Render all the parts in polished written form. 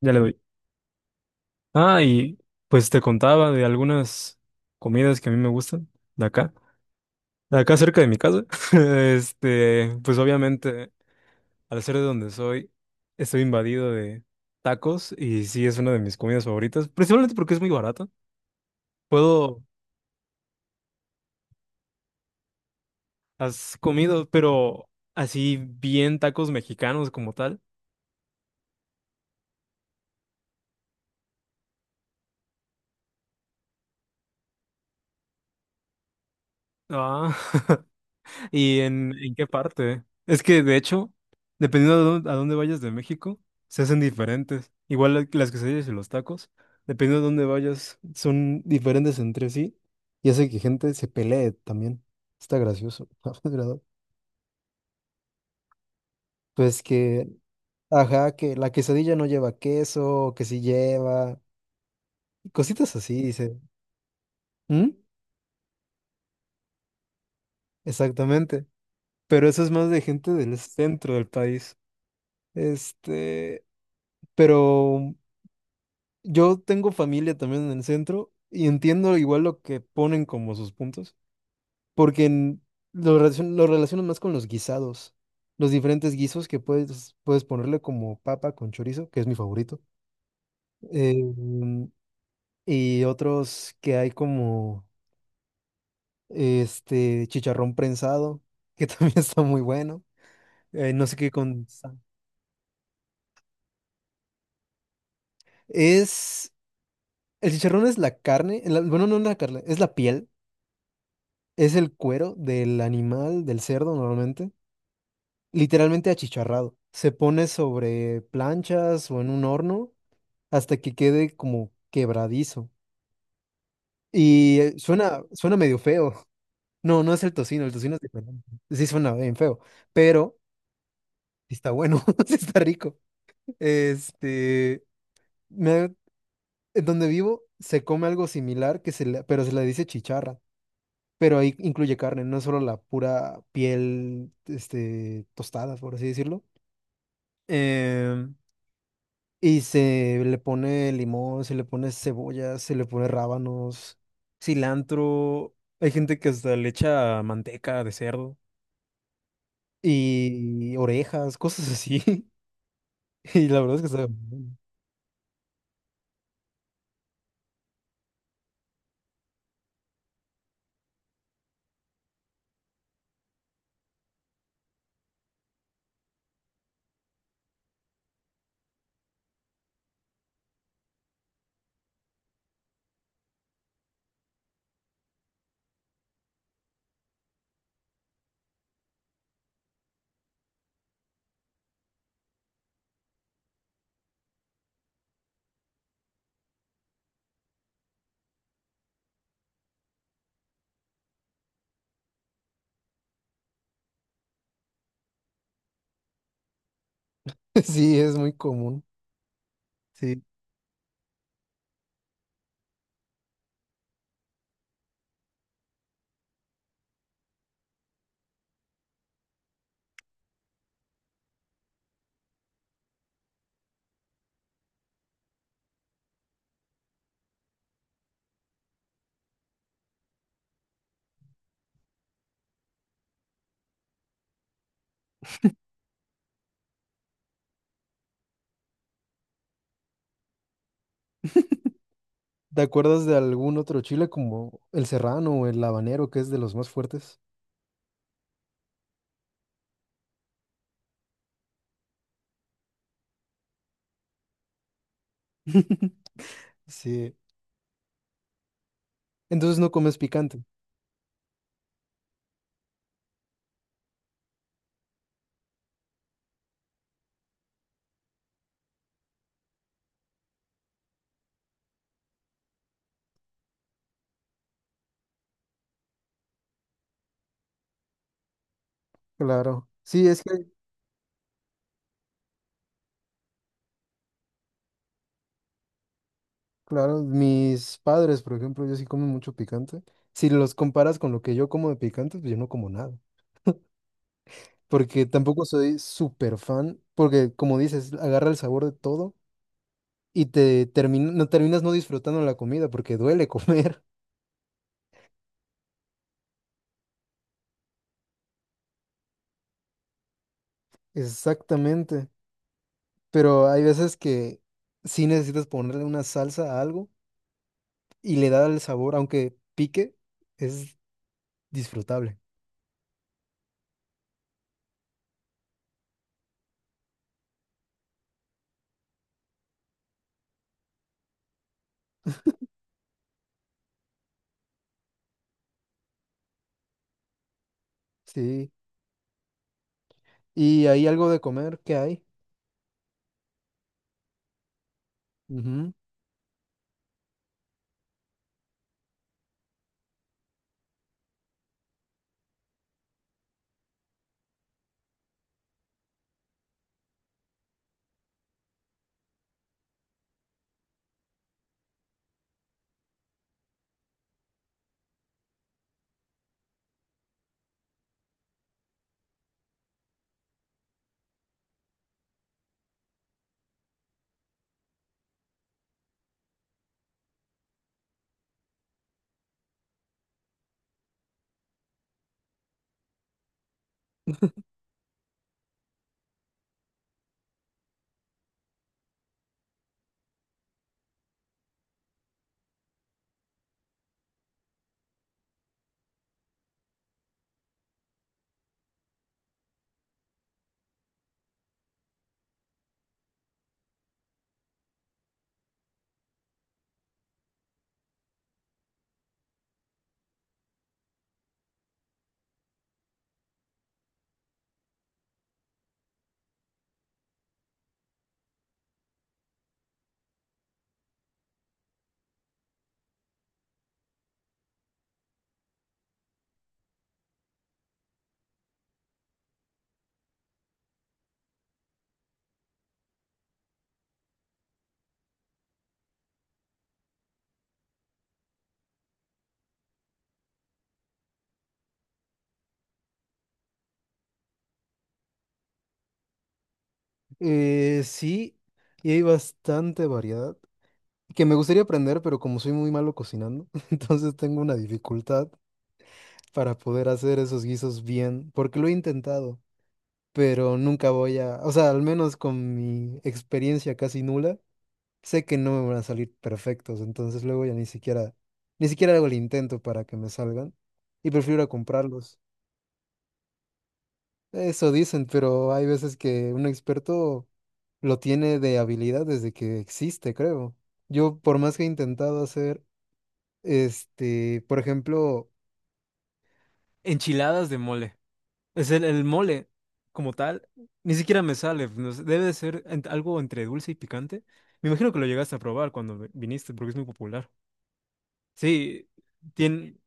Ya le doy. Ah, y pues te contaba de algunas comidas que a mí me gustan de acá, de acá cerca de mi casa. Pues obviamente, al ser de donde soy, estoy invadido de tacos y sí es una de mis comidas favoritas, principalmente porque es muy barata. Puedo, has comido, pero así bien tacos mexicanos como tal. Ah, ¿Y en qué parte? Es que, de hecho, dependiendo a dónde vayas de México, se hacen diferentes. Igual las quesadillas y los tacos, dependiendo a dónde vayas, son diferentes entre sí y hace que gente se pelee también. Está gracioso, la verdad. Pues que, ajá, que la quesadilla no lleva queso, que sí lleva, y cositas así, dice. ¿Mm? Exactamente. Pero eso es más de gente del centro del país. Este, pero... Yo tengo familia también en el centro y entiendo igual lo que ponen como sus puntos, porque lo relaciono más con los guisados, los diferentes guisos que puedes ponerle como papa con chorizo, que es mi favorito, eh, mm, y otros que hay como este chicharrón prensado, que también está muy bueno, no sé qué con... Es, el chicharrón es la carne, bueno, no la carne, es la piel, es el cuero del animal, del cerdo, normalmente literalmente achicharrado. Se pone sobre planchas o en un horno hasta que quede como quebradizo. Y suena medio feo. No, no es el tocino es diferente. Sí suena bien feo, pero sí está bueno, sí está rico. Este, me- en donde vivo se come algo similar, que pero se le dice chicharra. Pero ahí incluye carne, no es solo la pura piel, este, tostada, por así decirlo. Em, Y se le pone limón, se le pone cebolla, se le pone rábanos, cilantro. Hay gente que hasta le echa manteca de cerdo y orejas, cosas así. Y la verdad es que sabe muy bueno. Sí, es muy común. Sí. ¿Te acuerdas de algún otro chile como el serrano o el habanero, que es de los más fuertes? Sí. Entonces no comes picante. Claro. Sí, es que claro, mis padres, por ejemplo, ellos sí comen mucho picante. Si los comparas con lo que yo como de picante, pues yo no como nada. Porque tampoco soy súper fan, porque como dices, agarra el sabor de todo y te termina, no terminas no disfrutando la comida porque duele comer. Exactamente. Pero hay veces que sí necesitas ponerle una salsa a algo y le da el sabor, aunque pique, es disfrutable. Sí. Y hay algo de comer que hay. Sí, y hay bastante variedad que me gustaría aprender, pero como soy muy malo cocinando, entonces tengo una dificultad para poder hacer esos guisos bien, porque lo he intentado, pero nunca voy a, o sea, al menos con mi experiencia casi nula, sé que no me van a salir perfectos, entonces luego ya ni siquiera hago el intento para que me salgan y prefiero ir a comprarlos. Eso dicen, pero hay veces que un experto lo tiene de habilidad desde que existe, creo. Yo, por más que he intentado hacer, este, por ejemplo, enchiladas de mole. Es el mole como tal, ni siquiera me sale. No sé, debe de ser algo entre dulce y picante. Me imagino que lo llegaste a probar cuando viniste, porque es muy popular. Sí, tiene,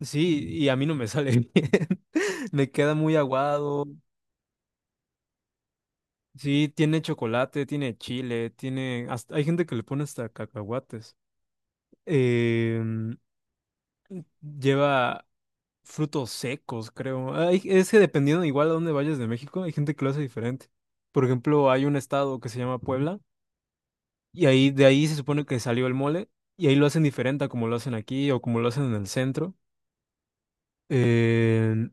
sí, y a mí no me sale bien. Me queda muy aguado. Sí, tiene chocolate, tiene chile, tiene... hasta- hay gente que le pone hasta cacahuates. Em, Lleva frutos secos, creo. Hay- es que dependiendo igual a dónde vayas de México, hay gente que lo hace diferente. Por ejemplo, hay un estado que se llama Puebla y ahí de ahí se supone que salió el mole, y ahí lo hacen diferente a como lo hacen aquí o como lo hacen en el centro. Em,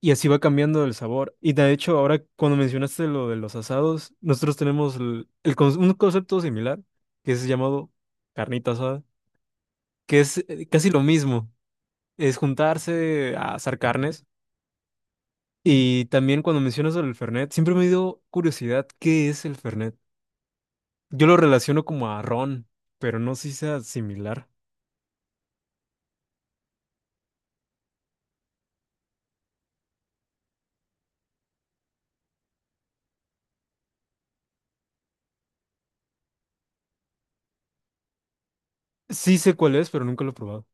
Y así va cambiando el sabor. Y de hecho, ahora cuando mencionaste lo de los asados, nosotros tenemos un concepto similar, que es llamado carnita asada, que es casi lo mismo, es juntarse a asar carnes. Y también cuando mencionas el Fernet, siempre me dio curiosidad, ¿qué es el Fernet? Yo lo relaciono como a ron, pero no sé si sea similar. Sí sé cuál es, pero nunca lo he probado.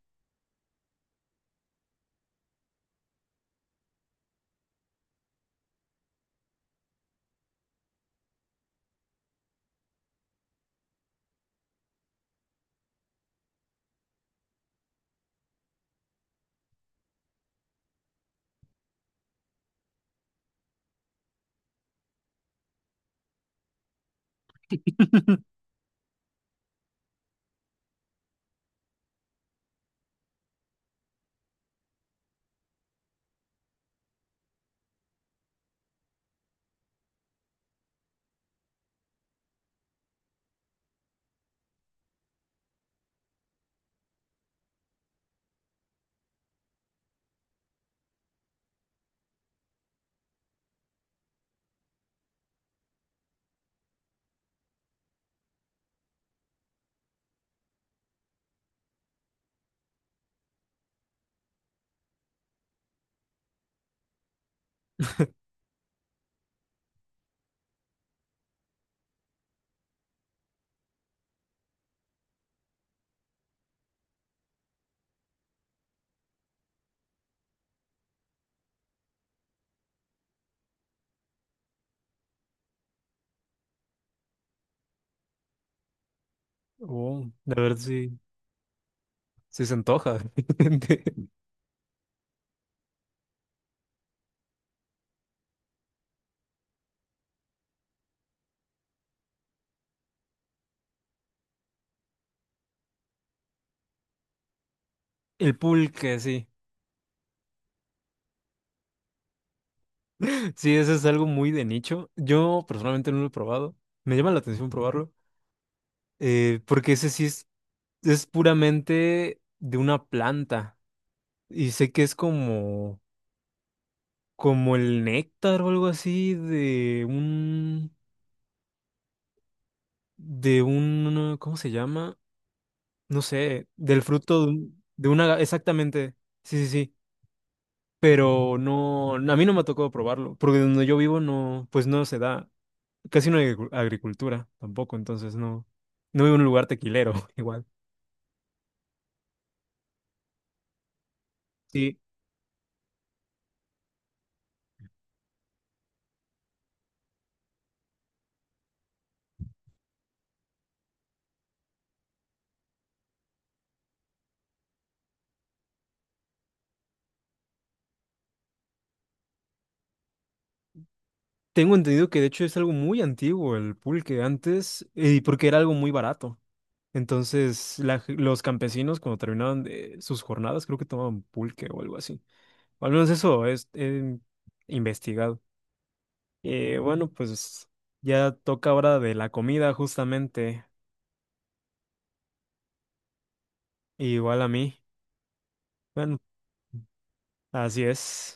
Oh, de ver si si se antoja. El pulque, sí. Sí, eso es algo muy de nicho. Yo personalmente no lo he probado. Me llama la atención probarlo, porque ese sí es puramente de una planta. Y sé que es como, como el néctar o algo así de un, ¿cómo se llama? No sé, del fruto de, de una, exactamente. Sí, sí, sí. Pero no, a mí no me ha tocado probarlo, porque donde yo vivo no, pues no se da. Casi no hay agricultura tampoco, entonces no, no hay un lugar tequilero igual. Sí, tengo entendido que de hecho es algo muy antiguo el pulque antes, y porque era algo muy barato. Entonces los campesinos cuando terminaban de sus jornadas creo que tomaban pulque o algo así. O al menos eso es he investigado. Bueno, pues ya toca hora de la comida justamente, igual a mí. Bueno, así es.